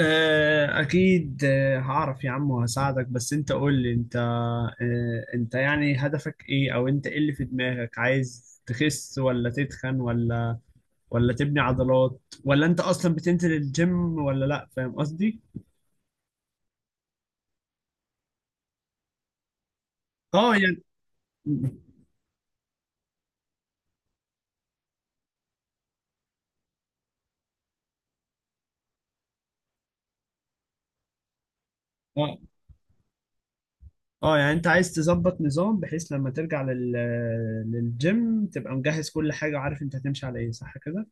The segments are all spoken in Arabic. آه، أكيد آه، هعرف يا عم وهساعدك، بس أنت قول لي أنت، أنت يعني هدفك إيه؟ أو أنت إيه اللي في دماغك؟ عايز تخس ولا تتخن ولا تبني عضلات، ولا أنت أصلا بتنزل الجيم ولا لأ؟ فاهم قصدي؟ أه يعني أه أه يعني أنت عايز تظبط نظام بحيث لما ترجع للجيم تبقى مجهز كل حاجة وعارف أنت هتمشي على إيه، صح كده؟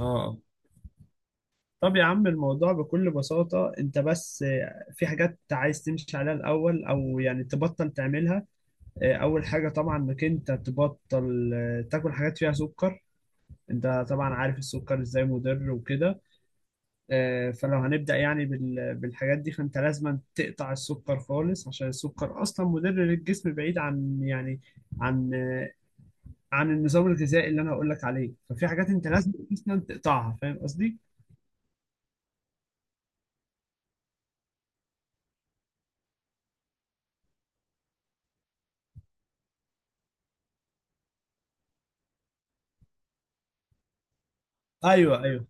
أه. طب يا عم، الموضوع بكل بساطة، انت بس في حاجات عايز تمشي عليها الأول، أو يعني تبطل تعملها. أول حاجة طبعا إنك انت تبطل تاكل حاجات فيها سكر. انت طبعا عارف السكر ازاي مضر وكده. فلو هنبدأ يعني بالحاجات دي، فانت لازم تقطع السكر خالص، عشان السكر أصلا مضر للجسم، بعيد عن يعني عن عن النظام الغذائي اللي أنا هقولك عليه. ففي حاجات انت لازم أصلا تقطعها، فاهم قصدي؟ ايوه ايوه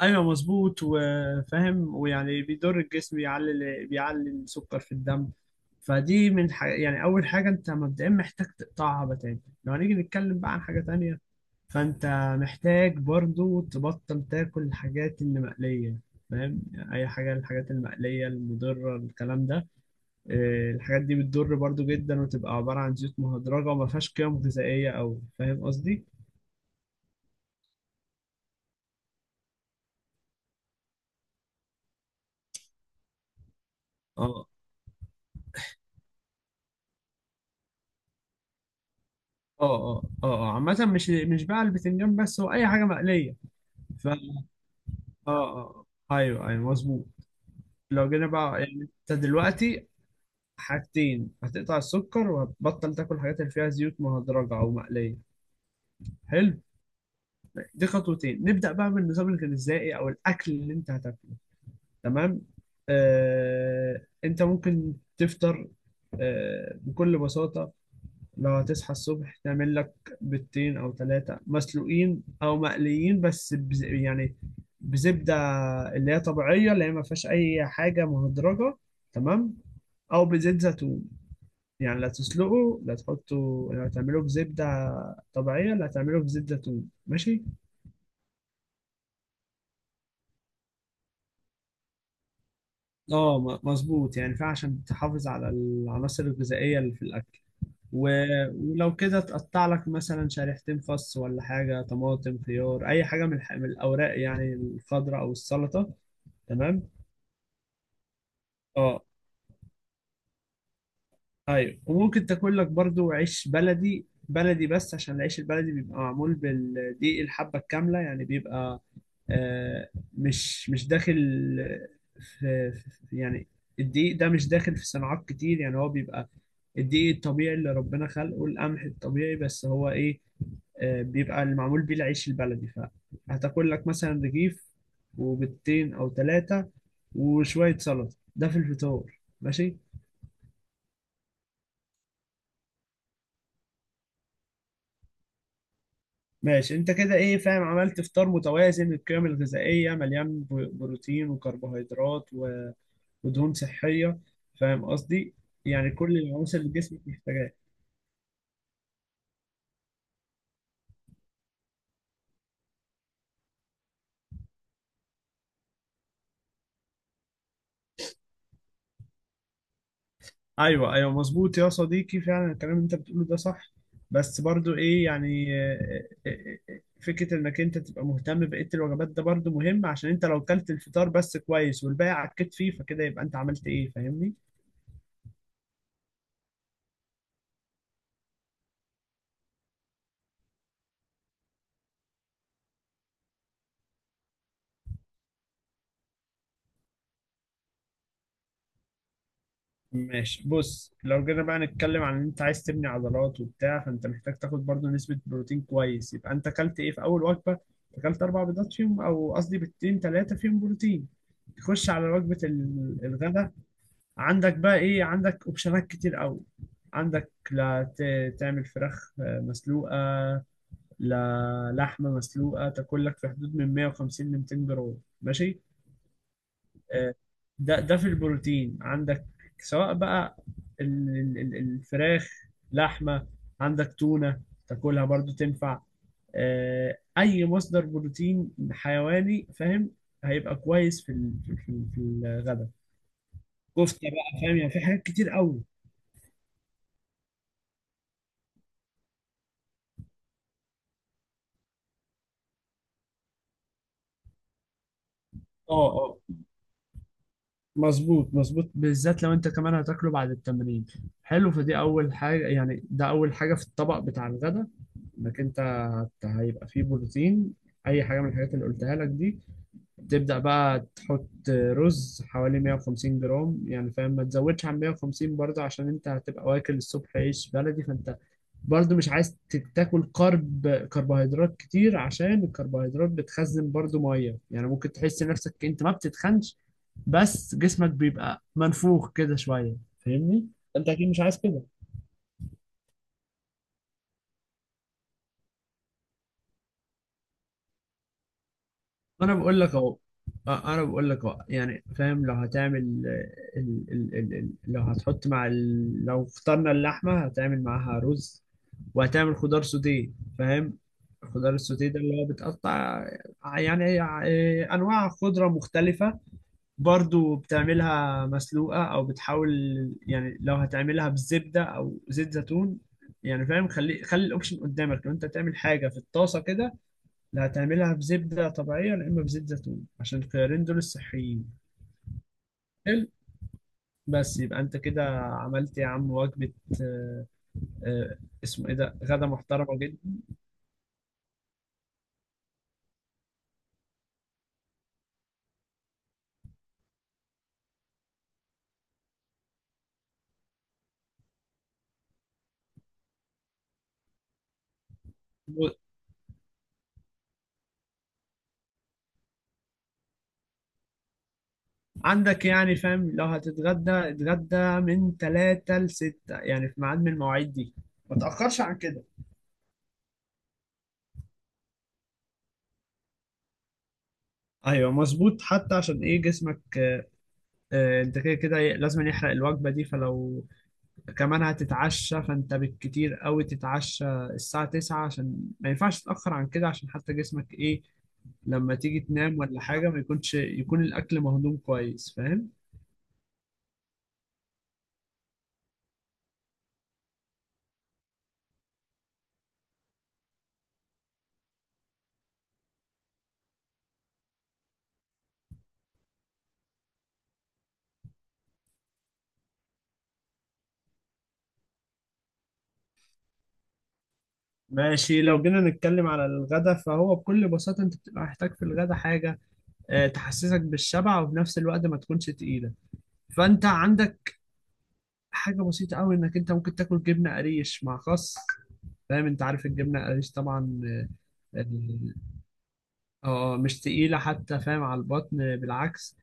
ايوه مظبوط، وفاهم. ويعني بيضر الجسم، بيعلي السكر في الدم. فدي يعني اول حاجه انت مبدئيا محتاج تقطعها بتاتا. لو هنيجي نتكلم بقى عن حاجه تانية، فانت محتاج برضو تبطل تاكل الحاجات اللي مقليه، فاهم؟ اي حاجه، الحاجات المقليه المضره الكلام ده. الحاجات دي بتضر برضو جدا، وتبقى عباره عن زيوت مهدرجه وما فيهاش قيم غذائيه قوي، فاهم قصدي؟ اه عامة مش بقى البتنجان بس، هو أي حاجة مقلية. ف اه اه اه. أيوه أيوه مظبوط. لو جينا بقى يعني أنت دلوقتي حاجتين، هتقطع السكر وهتبطل تاكل الحاجات اللي فيها زيوت مهدرجة أو مقلية. حلو، دي خطوتين. نبدأ بقى بالنظام الغذائي أو الأكل اللي أنت هتاكله. تمام، أنت ممكن تفطر بكل بساطة، لو هتصحى الصبح تعمل لك بيضتين او ثلاثة مسلوقين او مقليين، بس يعني بزبدة اللي هي طبيعية، اللي هي ما فيهاش اي حاجة مهدرجة، تمام؟ او بزيت زيتون، يعني لا تسلقه، لا تحطه، لا تعمله بزبدة طبيعية، لا تعمله بزيت زيتون، ماشي. اه مظبوط، يعني فعشان تحافظ على العناصر الغذائية اللي في الاكل. ولو كده تقطع لك مثلا شريحتين خس ولا حاجة، طماطم، خيار، أي حاجة من من الأوراق يعني الخضراء أو السلطة، تمام. اه أيوة. وممكن تاكل لك برضو عيش بلدي بلدي، بس عشان العيش البلدي بيبقى معمول بالدقيق الحبة الكاملة، يعني بيبقى مش داخل في يعني الدقيق ده مش داخل في صناعات كتير، يعني هو بيبقى الدقيق الطبيعي اللي ربنا خلقه، القمح الطبيعي، بس هو ايه، بيبقى اللي معمول بيه العيش البلدي. فهتاكل لك مثلا رغيف وبيضتين او ثلاثة وشوية سلطة، ده في الفطار، ماشي. ماشي انت كده ايه، فاهم، عملت فطار متوازن، القيم الغذائية مليان بروتين وكربوهيدرات ودهون صحية، فاهم قصدي؟ يعني كل العناصر اللي جسمك محتاجها. ايوه مظبوط يا صديقي، فعلا الكلام اللي انت بتقوله ده صح، بس برضو ايه يعني، آه، آه، آه، فكره انك انت تبقى مهتم بقيه الوجبات ده برضو مهم، عشان انت لو كلت الفطار بس كويس والباقي عكيت فيه، فكده يبقى انت عملت ايه، فاهمني؟ ماشي، بص، لو جينا بقى نتكلم عن ان انت عايز تبني عضلات وبتاع، فانت محتاج تاخد برضو نسبه بروتين كويس. يبقى انت كلت ايه في اول وجبه، اكلت اربع بيضات فيهم، او قصدي بيضتين ثلاثه فيهم بروتين. تخش على وجبه الغداء، عندك بقى ايه، عندك اوبشنات كتير قوي. عندك لا تعمل فراخ مسلوقة، لا لحمة مسلوقة، تاكل لك في حدود من 150 ل 200 جرام، ماشي. آه، ده ده في البروتين عندك، سواء بقى الفراخ، لحمة، عندك تونة تاكلها برضو تنفع، اي مصدر بروتين حيواني، فاهم، هيبقى كويس في في الغداء. كفتة بقى، فاهم، يعني في حاجات كتير قوي. اه مظبوط مظبوط، بالذات لو انت كمان هتاكله بعد التمرين. حلو، فدي اول حاجة، يعني ده اول حاجة في الطبق بتاع الغدا، انك انت هيبقى فيه بروتين، اي حاجة من الحاجات اللي قلتها لك دي. تبدأ بقى تحط رز حوالي 150 جرام، يعني فاهم ما تزودش عن 150 برضه، عشان انت هتبقى واكل الصبح عيش بلدي، فانت برضه مش عايز تاكل كربوهيدرات كتير، عشان الكربوهيدرات بتخزن برضه مية، يعني ممكن تحس نفسك انت ما بتتخنش، بس جسمك بيبقى منفوخ كده شوية، فاهمني؟ انت اكيد مش عايز كده. انا بقول لك اهو، انا بقول لك اهو، يعني فاهم، لو هتعمل لو هتحط لو فطرنا اللحمة، هتعمل معاها رز وهتعمل خضار سوتيه، فاهم؟ الخضار السوتيه ده اللي هو بتقطع يعني انواع خضرة مختلفة، برضو بتعملها مسلوقة، أو بتحاول يعني لو هتعملها بالزبدة أو زيت زيتون، يعني فاهم، خلي الأوبشن قدامك، لو أنت تعمل حاجة في الطاسة كده، لا هتعملها بزبدة طبيعية، يا إما بزيت زيتون، عشان الخيارين دول الصحيين. حلو، بس يبقى أنت كده عملت يا عم وجبة، آه، آه، اسمه إيه ده، غدا محترمة جدا. عندك يعني فاهم لو هتتغدى، اتغدى من 3 ل 6، يعني في ميعاد من المواعيد دي، ما تأخرش عن كده. ايوه مظبوط، حتى عشان ايه، جسمك انت كده كده لازم يحرق الوجبه دي. فلو كمان هتتعشى، فانت بالكتير قوي تتعشى الساعه 9، عشان ما ينفعش تتاخر عن كده، عشان حتى جسمك ايه، لما تيجي تنام ولا حاجه، ما يكونش، يكون الاكل مهضوم كويس، فاهم؟ ماشي، لو جينا نتكلم على الغدا، فهو بكل بساطه انت بتبقى محتاج في الغدا حاجه تحسسك بالشبع وفي نفس الوقت ما تكونش تقيله. فانت عندك حاجة بسيطة أوي، إنك أنت ممكن تاكل جبنة قريش مع خس، فاهم، أنت عارف الجبنة قريش طبعا. آه، مش تقيلة حتى، فاهم، على البطن بالعكس.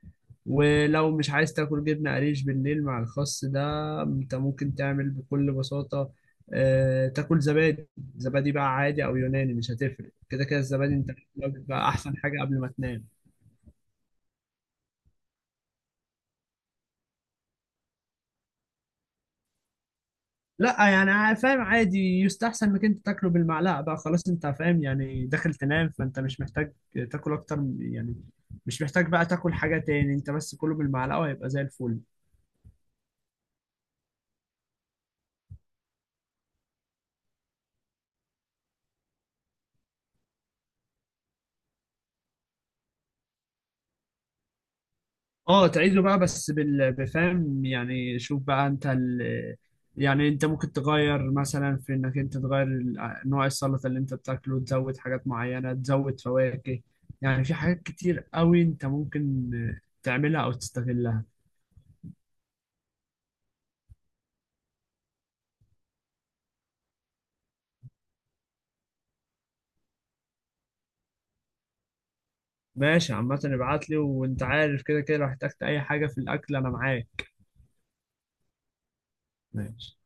ولو مش عايز تاكل جبنة قريش بالليل مع الخس ده، انت ممكن تعمل بكل بساطة تاكل زبادي، زبادي بقى عادي او يوناني، مش هتفرق، كده كده الزبادي انت بقى احسن حاجة قبل ما تنام. لا يعني فاهم عادي، يستحسن انك انت تاكله بالمعلقه بقى خلاص، انت فاهم يعني داخل تنام، فانت مش محتاج تاكل يعني مش محتاج بقى تاكل حاجه تاني، انت بس كله بالمعلقه وهيبقى زي الفل. اه تعيده بقى، بس بفهم يعني، شوف بقى انت يعني انت ممكن تغير مثلا في انك انت تغير نوع السلطه اللي انت بتاكله، تزود حاجات معينه، تزود فواكه، يعني في حاجات كتير قوي انت ممكن تعملها او تستغلها. ماشي، عامة ابعت لي، وانت عارف كده كده لو احتجت اي حاجة في الاكل انا معاك. ماشي.